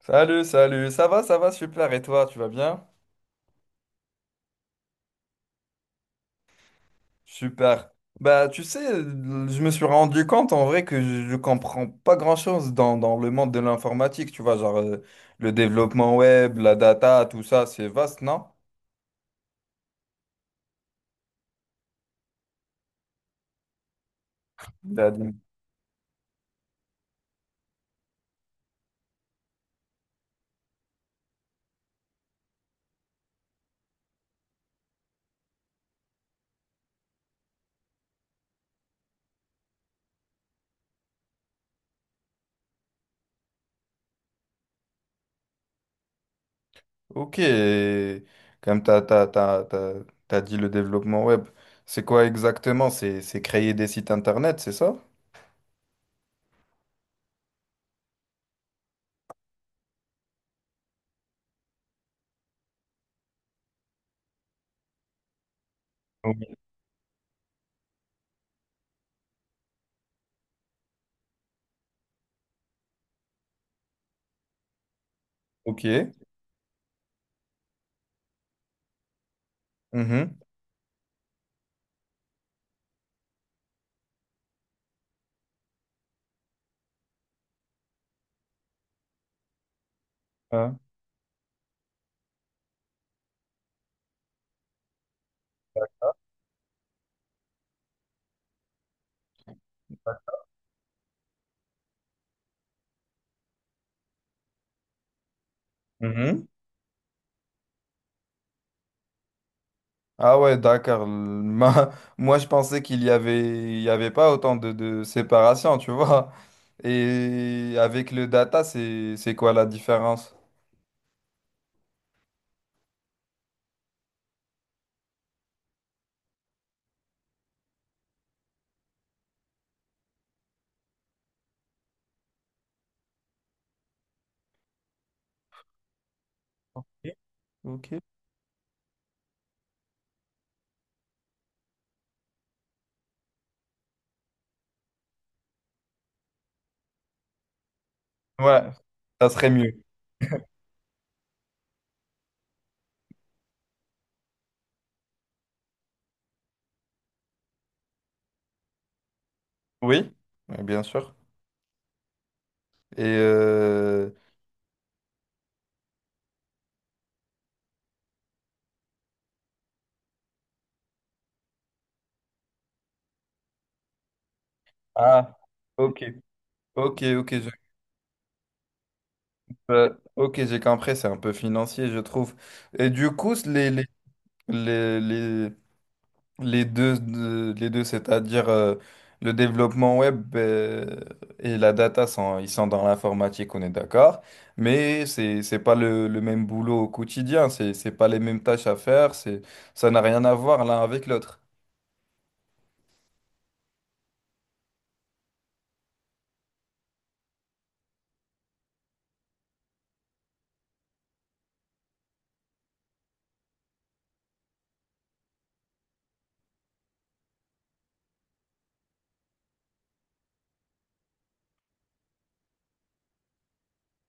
Salut, salut, ça va, super, et toi, tu vas bien? Super. Bah, tu sais, je me suis rendu compte en vrai que je comprends pas grand-chose dans le monde de l'informatique, tu vois, genre le développement web, la data, tout ça, c'est vaste, non? T'as dit- Ok, comme t'as dit le développement web, c'est quoi exactement? C'est créer des sites internet, c'est ça? Oui. Ok. Mhm. Ah. Mhm. Ah ouais, d'accord. Moi, je pensais qu'il y avait, il y avait pas autant de séparation, tu vois. Et avec le data, c'est quoi la différence? Ok, ok. Ouais, ça serait mieux. Oui, ouais, bien sûr. Et ah, ok. Ok, ok, je- euh, ok, j'ai compris, c'est un peu financier, je trouve. Et du coup, les, les- les deux, les deux, c'est-à-dire le développement web et la data, sont, ils sont dans l'informatique, on est d'accord, mais c'est pas le, le même boulot au quotidien, c'est pas les mêmes tâches à faire, c'est, ça n'a rien à voir l'un avec l'autre.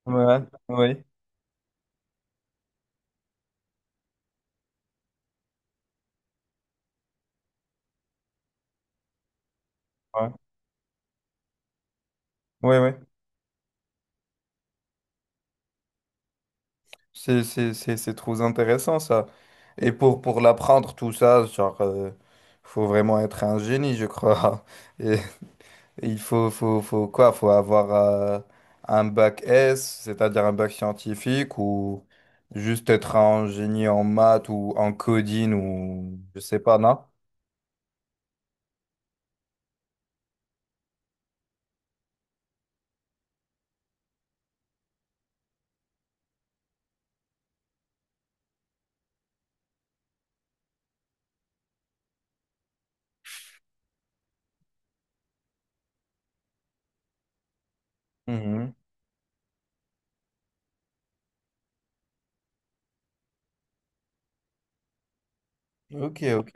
Ouais, oui, ouais. Oui, oui. C'est trop intéressant ça. Et pour l'apprendre tout ça, genre, faut vraiment être un génie, je crois. Et il faut quoi? Faut avoir un bac S, c'est-à-dire un bac scientifique, ou juste être un génie en maths ou en coding, ou je sais pas, non? Mhm. Ok, ok.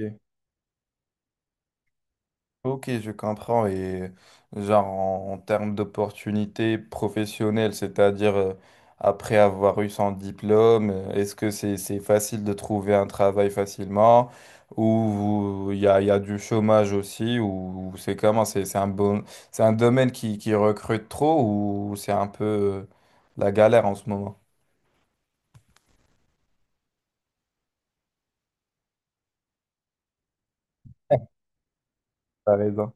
Ok, je comprends. Et genre en termes d'opportunités professionnelles, c'est-à-dire après avoir eu son diplôme, est-ce que c'est facile de trouver un travail facilement ou il y a, y a du chômage aussi ou c'est comment? C'est un bon, c'est un domaine qui recrute trop ou c'est un peu la galère en ce moment? T'as raison.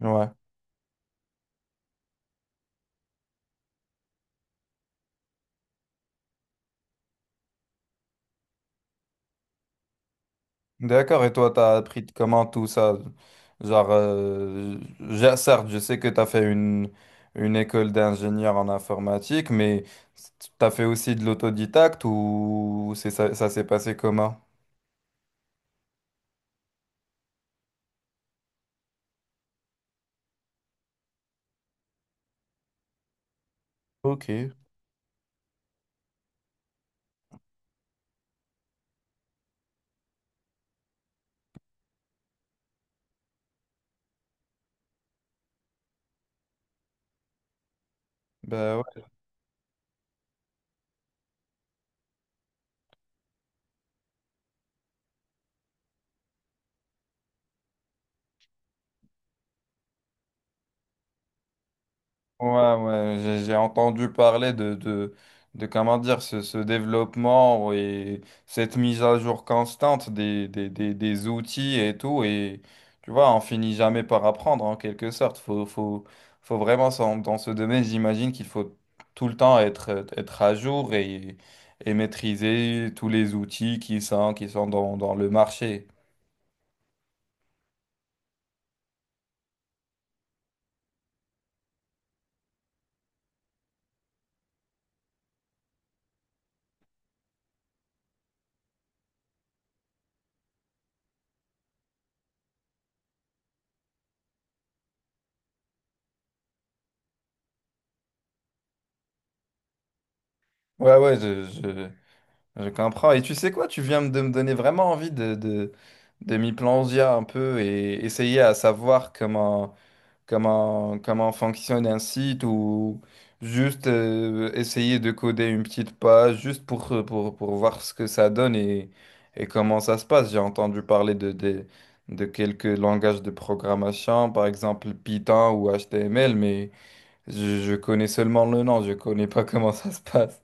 Ouais. D'accord, et toi, t'as appris de comment tout ça? Genre, certes, je sais que t'as fait une école d'ingénieur en informatique, mais t'as fait aussi de l'autodidacte ou c'est ça, ça s'est passé comment? Ok, bah ouais. Ouais, ouais, j'ai entendu parler de comment dire, ce développement et cette mise à jour constante des outils et tout. Et tu vois, on finit jamais par apprendre en quelque sorte. Faut vraiment, dans ce domaine, j'imagine qu'il faut tout le temps être à jour et maîtriser tous les outils qui sont dans le marché. Ouais, ouais, je comprends. Et tu sais quoi, tu viens de me donner vraiment envie de m'y plonger un peu et essayer à savoir comment fonctionne un site ou juste essayer de coder une petite page juste pour voir ce que ça donne et comment ça se passe. J'ai entendu parler de quelques langages de programmation, par exemple Python ou HTML, mais je connais seulement le nom, je connais pas comment ça se passe.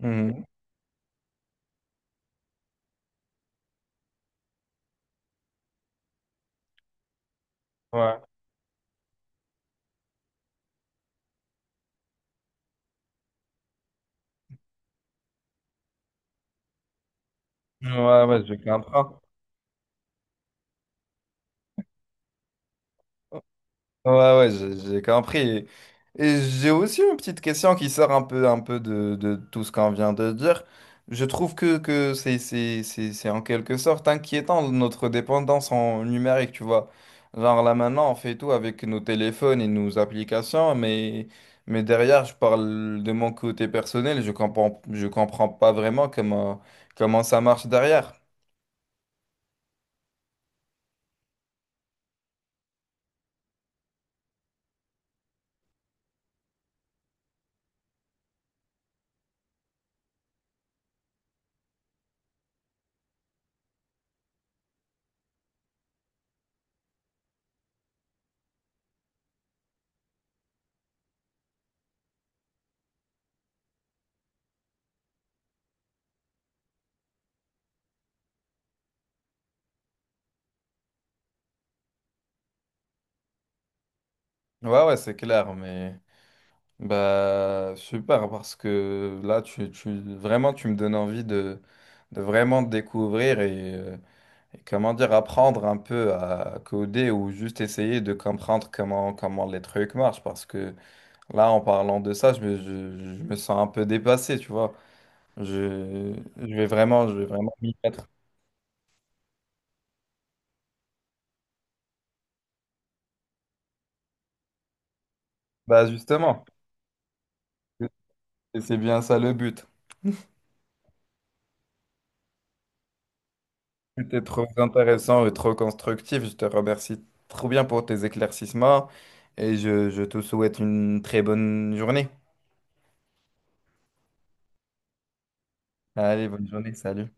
Mhm. Ouais. Ouais, ouais, j'ai compris. Ouais, ouais, j'ai compris. Et j'ai aussi une petite question qui sort un peu de tout ce qu'on vient de dire. Je trouve que c'est en quelque sorte inquiétant notre dépendance en numérique, tu vois. Genre là maintenant, on fait tout avec nos téléphones et nos applications, mais derrière, je parle de mon côté personnel, je comprends pas vraiment comment ça marche derrière. Ouais, ouais, c'est clair, mais... Bah, super, parce que là, tu, vraiment, tu me donnes envie de vraiment te découvrir et, comment dire, apprendre un peu à coder ou juste essayer de comprendre comment les trucs marchent. Parce que là, en parlant de ça, je me sens un peu dépassé, tu vois. Je vais vraiment m'y mettre. Bah, justement, c'est c'est bien ça le but. C'était trop intéressant et trop constructif. Je te remercie trop bien pour tes éclaircissements et je te souhaite une très bonne journée. Allez, bonne journée, salut.